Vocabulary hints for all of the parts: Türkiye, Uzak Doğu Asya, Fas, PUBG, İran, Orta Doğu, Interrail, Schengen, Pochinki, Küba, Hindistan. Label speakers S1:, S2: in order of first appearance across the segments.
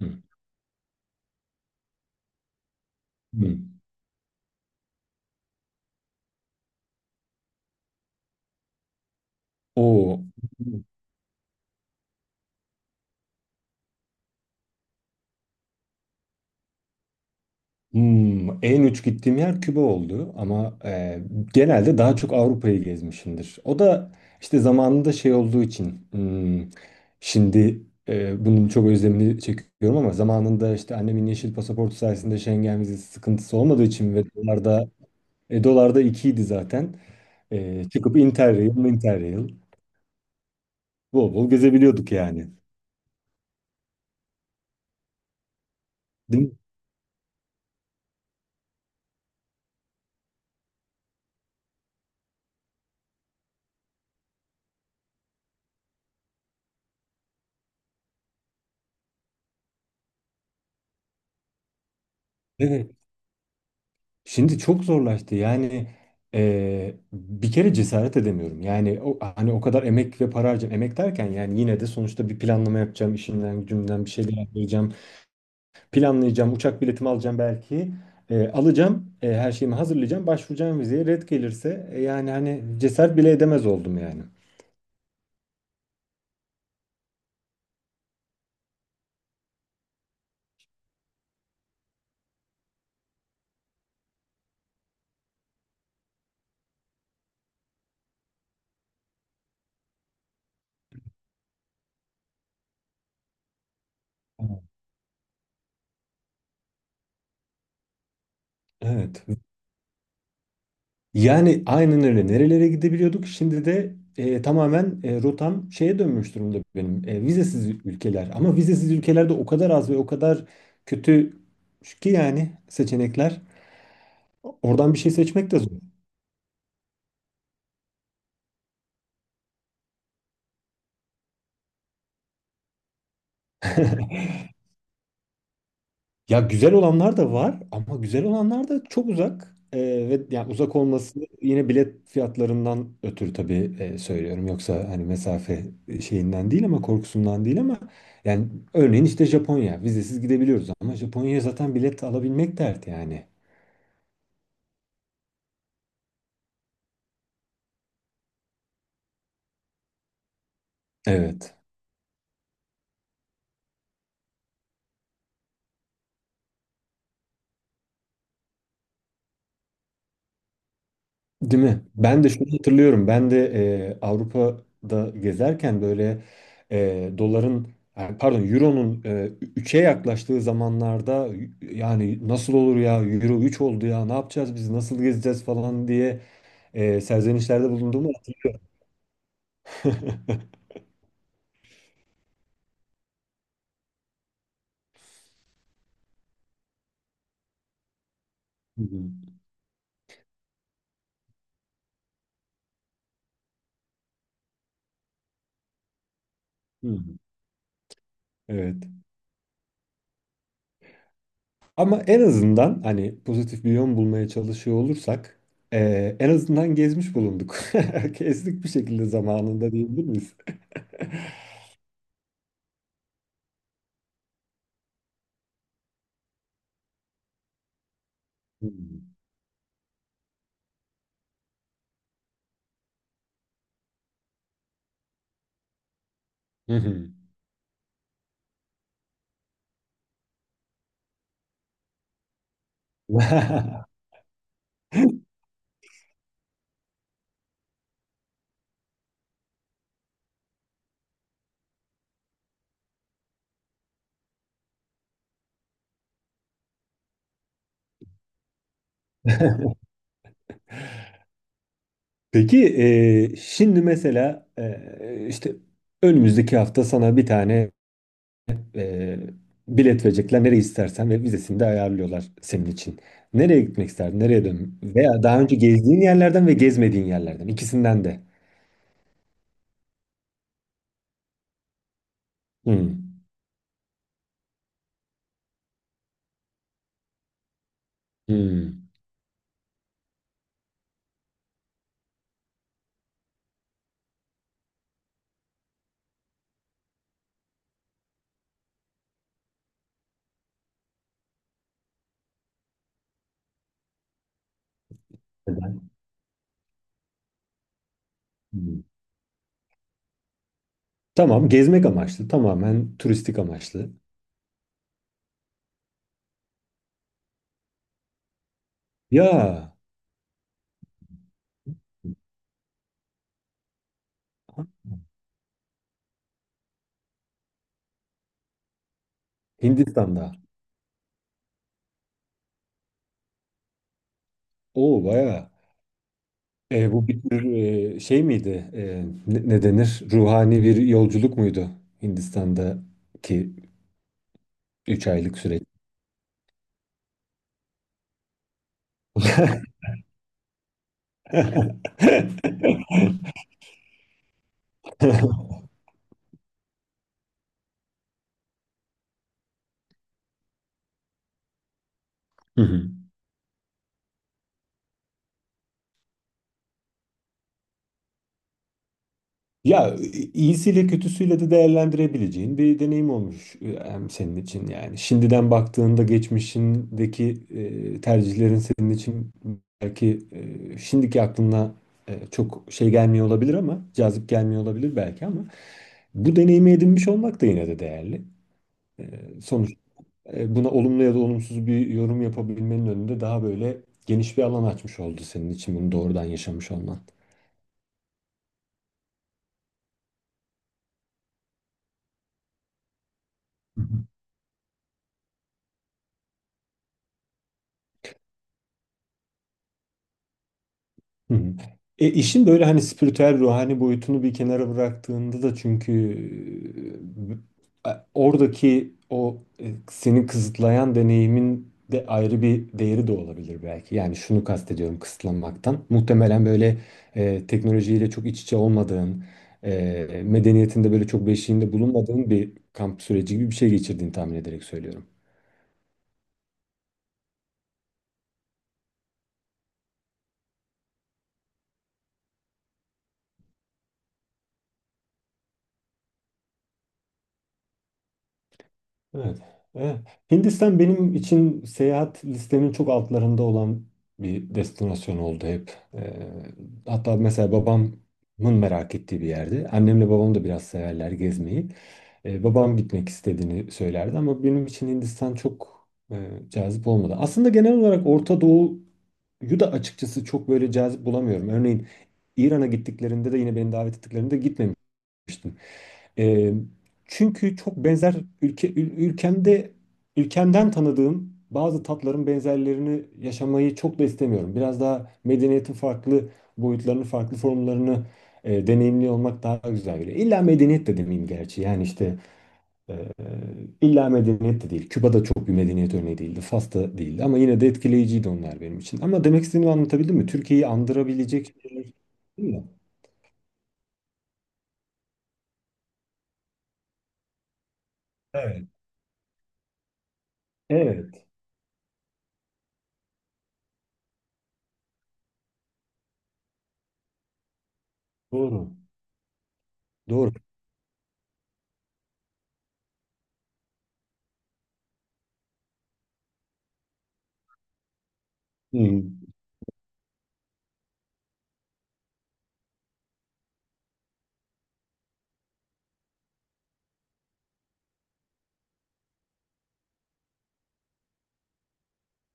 S1: Hı. Hı. O En uç gittiğim yer Küba oldu ama genelde daha çok Avrupa'yı gezmişimdir. O da işte zamanında şey olduğu için şimdi bunun çok özlemini çekiyorum ama zamanında işte annemin yeşil pasaportu sayesinde Schengen vizesi sıkıntısı olmadığı için ve dolarda dolarda 2'ydi zaten. Çıkıp Interrail bol bol gezebiliyorduk yani. Değil mi? Şimdi çok zorlaştı. Yani bir kere cesaret edemiyorum. Yani hani o kadar emek ve para harcayacağım. Emek derken yani yine de sonuçta bir planlama yapacağım. İşimden gücümden bir şeyler yapacağım. Planlayacağım. Uçak biletimi alacağım belki. Alacağım. Her şeyimi hazırlayacağım. Başvuracağım vizeye. Red gelirse yani hani cesaret bile edemez oldum yani. Evet. Yani aynen öyle. Nerelere gidebiliyorduk? Şimdi de tamamen rotam şeye dönmüş durumda benim. Vizesiz ülkeler. Ama vizesiz ülkelerde o kadar az ve o kadar kötü ki yani seçenekler. Oradan bir şey seçmek de zor. Ya güzel olanlar da var ama güzel olanlar da çok uzak. Ve yani uzak olması yine bilet fiyatlarından ötürü tabii söylüyorum. Yoksa hani mesafe şeyinden değil ama korkusundan değil ama yani örneğin işte Japonya vizesiz gidebiliyoruz ama Japonya'ya zaten bilet alabilmek dert yani. Evet. Değil mi? Ben de şunu hatırlıyorum. Ben de Avrupa'da gezerken böyle doların yani pardon euronun 3'e yaklaştığı zamanlarda yani nasıl olur ya euro 3 oldu ya ne yapacağız biz nasıl gezeceğiz falan diye serzenişlerde bulunduğumu hatırlıyorum. Hı hı, hı hı. Evet. Ama en azından hani pozitif bir yön bulmaya çalışıyor olursak en azından gezmiş bulunduk. Kestik bir şekilde zamanında diyebilir miyiz? Hı hı. Hı hı. Peki şimdi mesela işte önümüzdeki hafta sana bir tane e, bilet verecekler nereye istersen ve vizesini de ayarlıyorlar senin için. Nereye gitmek isterdin? Nereye dön? Veya daha önce gezdiğin yerlerden ve gezmediğin yerlerden ikisinden de. Hmm. Hmm. Neden? Hmm. Tamam, gezmek amaçlı tamamen turistik amaçlı. Ya Hindistan'da. Oo bayağı. Bu bir tür şey miydi? Ne denir? Ruhani bir yolculuk muydu Hindistan'daki 3 aylık süreç? Hı hı. Ya iyisiyle kötüsüyle de değerlendirebileceğin bir deneyim olmuş hem senin için yani. Şimdiden baktığında geçmişindeki tercihlerin senin için belki şimdiki aklına çok şey gelmiyor olabilir ama cazip gelmiyor olabilir belki ama bu deneyimi edinmiş olmak da yine de değerli. E, Sonuç buna olumlu ya da olumsuz bir yorum yapabilmenin önünde daha böyle geniş bir alan açmış oldu senin için bunu doğrudan yaşamış olman. Hı hı. İşin böyle hani spiritüel ruhani boyutunu bir kenara bıraktığında da çünkü oradaki o seni kısıtlayan deneyimin de ayrı bir değeri de olabilir belki. Yani şunu kastediyorum kısıtlanmaktan. Muhtemelen böyle teknolojiyle çok iç içe olmadığın, medeniyetinde böyle çok beşiğinde bulunmadığın bir kamp süreci gibi bir şey geçirdiğini tahmin ederek söylüyorum. Evet. Evet. Hindistan benim için seyahat listemin çok altlarında olan bir destinasyon oldu hep. Hatta mesela babamın merak ettiği bir yerdi. Annemle babam da biraz severler gezmeyi. Babam gitmek istediğini söylerdi ama benim için Hindistan çok cazip olmadı. Aslında genel olarak Orta Doğu'yu da açıkçası çok böyle cazip bulamıyorum. Örneğin İran'a gittiklerinde de yine beni davet ettiklerinde gitmemiştim yapmıştım. Ee, çünkü çok benzer ülke ül- ülkemde ülkemden tanıdığım bazı tatların benzerlerini yaşamayı çok da istemiyorum. Biraz daha medeniyetin farklı boyutlarını, farklı formlarını deneyimli olmak daha güzel geliyor. İlla medeniyet de demeyeyim gerçi. Yani işte e, illa medeniyet de değil. Küba'da çok bir medeniyet örneği değildi. Fas'ta değildi ama yine de etkileyiciydi onlar benim için. Ama demek istediğimi anlatabildim mi? Türkiye'yi andırabilecek şeyler değil mi? Evet. Evet, doğru. Doğru. Hmm.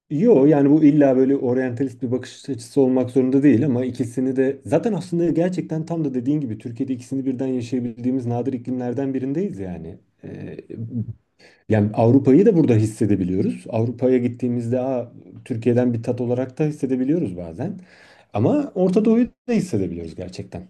S1: Yo yani bu illa böyle oryantalist bir bakış açısı olmak zorunda değil ama ikisini de zaten aslında gerçekten tam da dediğin gibi Türkiye'de ikisini birden yaşayabildiğimiz nadir iklimlerden birindeyiz yani. Ee, yani Avrupa'yı da burada hissedebiliyoruz. Avrupa'ya gittiğimizde Aa, Türkiye'den bir tat olarak da hissedebiliyoruz bazen. Ama Orta Doğu'yu da hissedebiliyoruz gerçekten.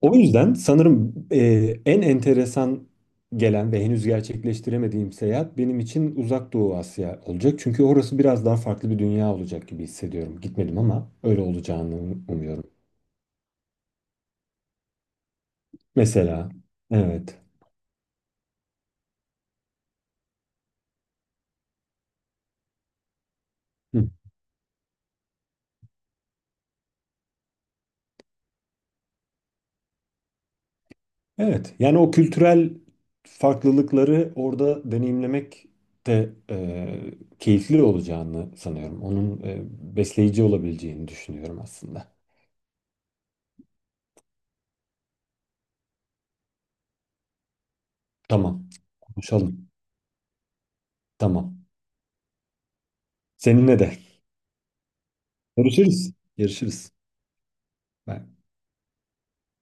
S1: O yüzden sanırım en enteresan gelen ve henüz gerçekleştiremediğim seyahat benim için Uzak Doğu Asya olacak. Çünkü orası biraz daha farklı bir dünya olacak gibi hissediyorum. Gitmedim ama öyle olacağını umuyorum. Mesela, evet. Hı. Evet, yani o kültürel farklılıkları orada deneyimlemek de keyifli olacağını sanıyorum. Onun besleyici olabileceğini düşünüyorum aslında. Tamam, konuşalım. Tamam. Seninle de. Görüşürüz. Görüşürüz. Bye.